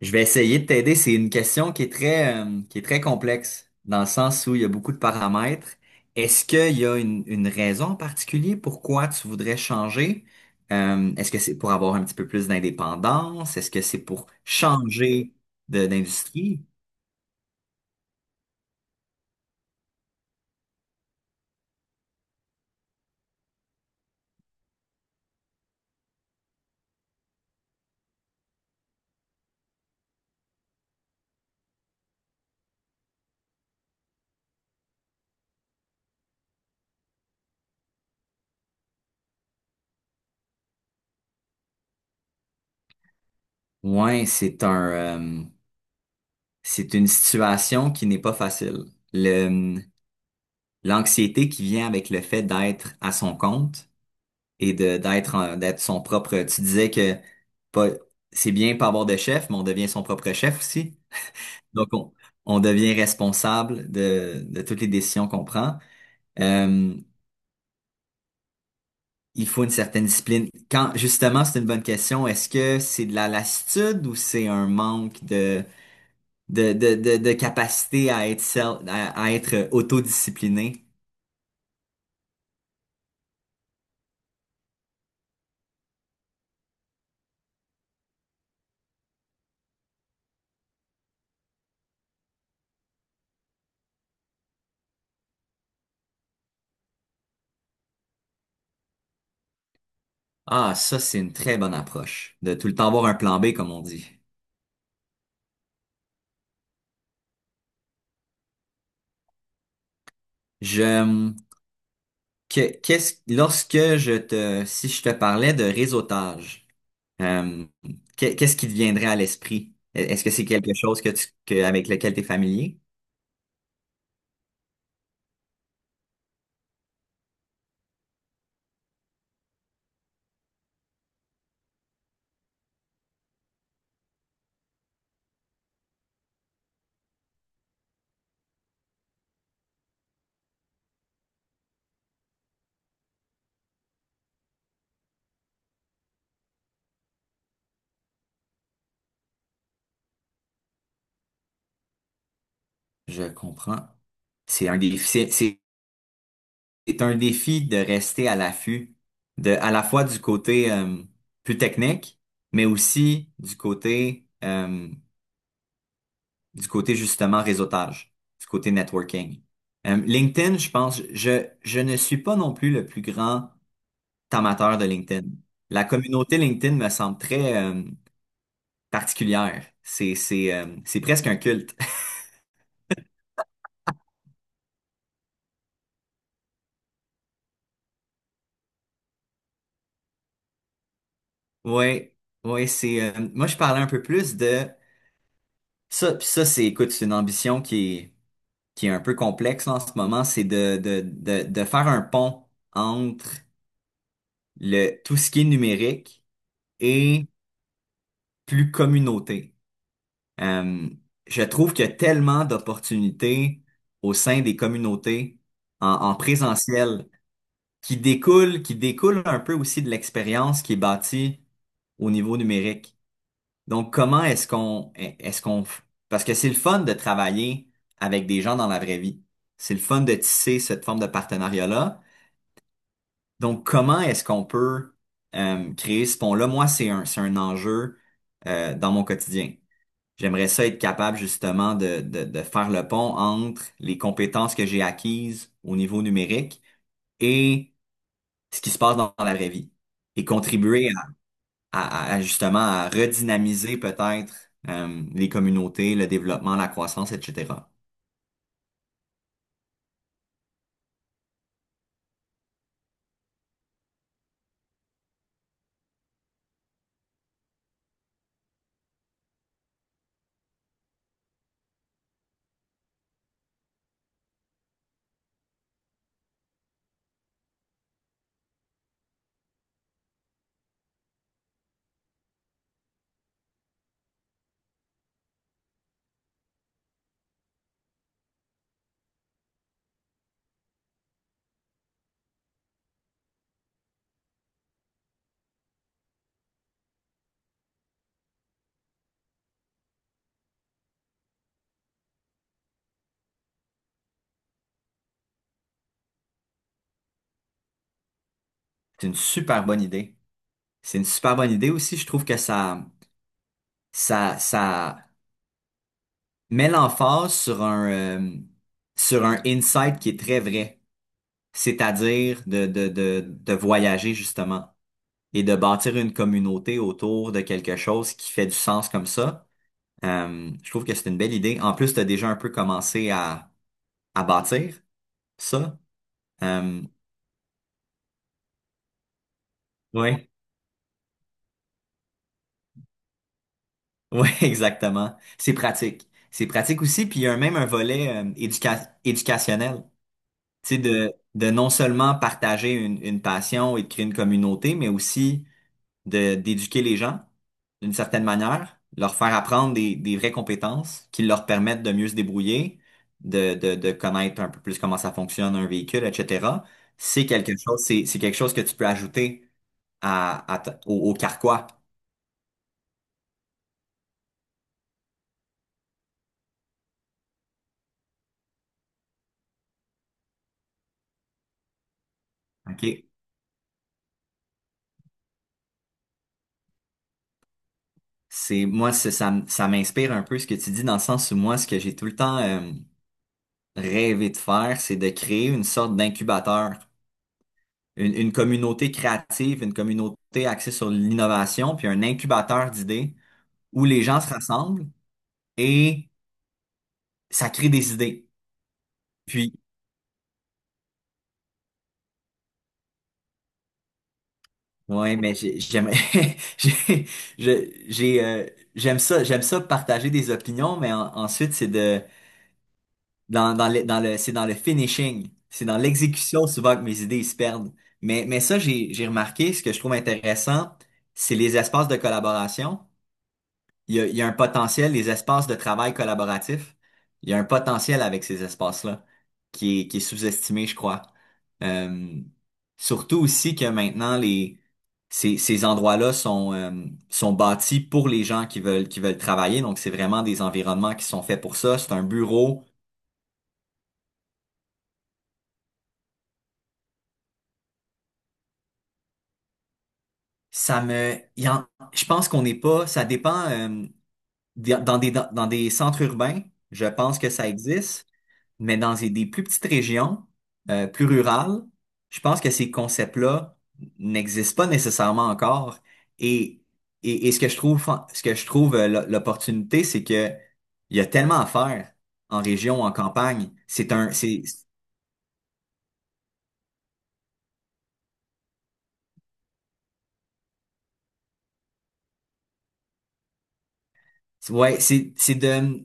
Je vais essayer de t'aider. C'est une question qui est très complexe, dans le sens où il y a beaucoup de paramètres. Est-ce qu'il y a une raison en particulier pourquoi tu voudrais changer? Est-ce que c'est pour avoir un petit peu plus d'indépendance? Est-ce que c'est pour changer d'industrie? Ouais, c'est c'est une situation qui n'est pas facile. Le, L'anxiété qui vient avec le fait d'être à son compte d'être son propre. Tu disais que pas, c'est bien pas avoir de chef, mais on devient son propre chef aussi. Donc on, on devient responsable de toutes les décisions qu'on prend. Euh, il faut une certaine discipline. Quand justement, c'est une bonne question. Est-ce que c'est de la lassitude ou c'est un manque de de capacité à être à être autodiscipliné? Ah, ça, c'est une très bonne approche. De tout le temps avoir un plan B, comme on dit. Je Que- qu'est-ce, lorsque je te, Si je te parlais de réseautage, euh, qu'est-ce qui te viendrait à l'esprit? Est-ce que c'est quelque chose avec lequel tu es familier? Je comprends. C'est un défi, c'est un défi de rester à l'affût, de, à la fois du côté, plus technique, mais aussi du côté justement réseautage, du côté networking. LinkedIn, je pense, je ne suis pas non plus le plus grand amateur de LinkedIn. La communauté LinkedIn me semble très particulière. C'est presque un culte. Ouais, ouais, c'est moi je parlais un peu plus de ça. Puis ça c'est écoute, c'est une ambition qui est un peu complexe là, en ce moment, c'est de faire un pont entre le tout ce qui est numérique et plus communauté. Euh, je trouve qu'il y a tellement d'opportunités au sein des communautés en présentiel qui découle un peu aussi de l'expérience qui est bâtie au niveau numérique. Donc, comment est-ce qu'on, parce que c'est le fun de travailler avec des gens dans la vraie vie. C'est le fun de tisser cette forme de partenariat-là. Donc, comment est-ce qu'on peut créer ce pont-là? Moi, c'est c'est un enjeu dans mon quotidien. J'aimerais ça être capable justement de faire le pont entre les compétences que j'ai acquises au niveau numérique et ce qui se passe dans la vraie vie et contribuer à, à justement à redynamiser peut-être les communautés, le développement, la croissance, etc. C'est une super bonne idée. C'est une super bonne idée aussi. Je trouve que ça met l'emphase sur sur un insight qui est très vrai, c'est-à-dire de voyager justement et de bâtir une communauté autour de quelque chose qui fait du sens comme ça. Je trouve que c'est une belle idée. En plus, tu as déjà un peu commencé à bâtir ça. Euh, ouais, ouais, exactement. C'est pratique. C'est pratique aussi. Puis il y a même un volet éducationnel. Tu sais, de non seulement partager une passion et de créer une communauté, mais aussi de d'éduquer les gens d'une certaine manière, leur faire apprendre des vraies compétences qui leur permettent de mieux se débrouiller, de connaître un peu plus comment ça fonctionne un véhicule, etc. C'est quelque chose, c'est quelque chose que tu peux ajouter à ta- au, au carquois. OK? C'est moi, c'est- ça, m- Ça m'inspire un peu ce que tu dis dans le sens où moi, ce que j'ai tout le temps rêvé de faire, c'est de créer une sorte d'incubateur, une communauté créative, une communauté axée sur l'innovation, puis un incubateur d'idées où les gens se rassemblent et ça crée des idées. Puis, ouais, j'aime, j'ai, j'ai, j'aime ça partager des opinions, mais ensuite c'est de, c'est dans le finishing, c'est dans l'exécution souvent que mes idées se perdent. Mais, j'ai remarqué, ce que je trouve intéressant, c'est les espaces de collaboration. Il y a un potentiel, les espaces de travail collaboratif, il y a un potentiel avec ces espaces-là qui est sous-estimé, je crois. Euh, Surtout aussi que maintenant, ces endroits-là sont bâtis pour les gens qui veulent travailler. Donc, c'est vraiment des environnements qui sont faits pour ça. C'est un bureau. Ça me, il y en- Je pense qu'on n'est pas, ça dépend, dans des centres urbains, je pense que ça existe. Mais dans des plus petites régions, plus rurales, je pense que ces concepts-là n'existent pas nécessairement encore. Et, et ce que je trouve, ce que je trouve l'opportunité, c'est que il y a tellement à faire en région, en campagne. C'est un, c'est- Ouais, c'est de,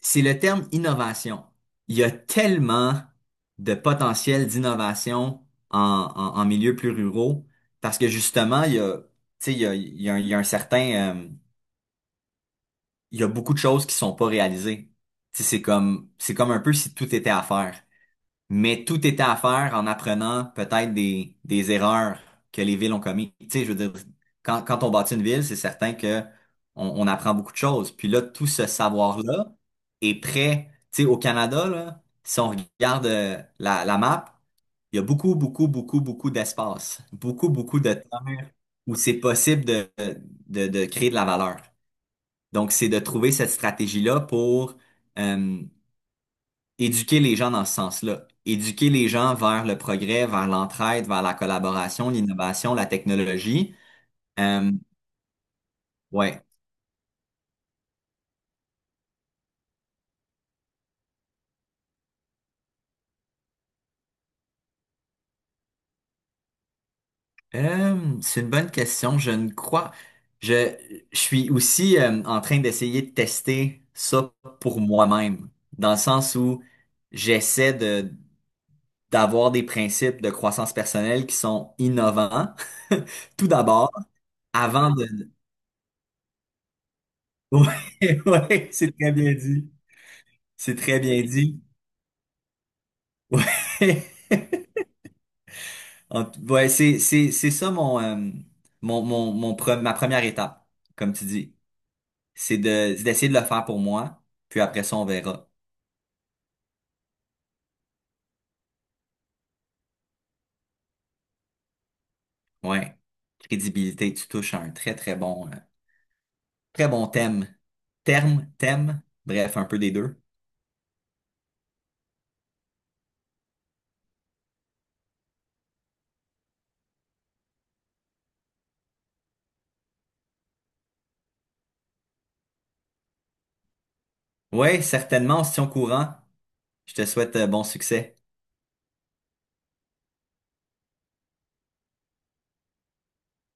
c'est le terme innovation. Il y a tellement de potentiel d'innovation en, en milieu plus ruraux parce que justement, il y a, tu sais, il y a, un il y a un certain il y a beaucoup de choses qui sont pas réalisées. Tu sais, c'est comme un peu si tout était à faire. Mais tout était à faire en apprenant peut-être des erreurs que les villes ont commises. Tu sais, je veux dire, quand on bâtit une ville, c'est certain que on apprend beaucoup de choses. Puis là, tout ce savoir-là est prêt. Tu sais, au Canada, là, si on regarde la map, il y a beaucoup, beaucoup, beaucoup, beaucoup d'espace, beaucoup, beaucoup de terres où c'est possible de créer de la valeur. Donc, c'est de trouver cette stratégie-là pour euh, éduquer les gens dans ce sens-là. Éduquer les gens vers le progrès, vers l'entraide, vers la collaboration, l'innovation, la technologie. Euh, ouais, c'est une bonne question. Je ne crois. Je, je suis aussi en train d'essayer de tester ça pour moi-même, dans le sens où j'essaie de d'avoir des principes de croissance personnelle qui sont innovants, tout d'abord, avant de Ouais, ouais, c'est très bien dit. C'est très bien dit. Ouais, ouais, c'est ça mon ma première étape, comme tu dis, c'est de c'est d'essayer de le faire pour moi, puis après ça on verra. Ouais, crédibilité, tu touches à un très très bon thème, terme, thème, bref, un peu des deux. Ouais, certainement, on se tient au courant. Je te souhaite bon succès.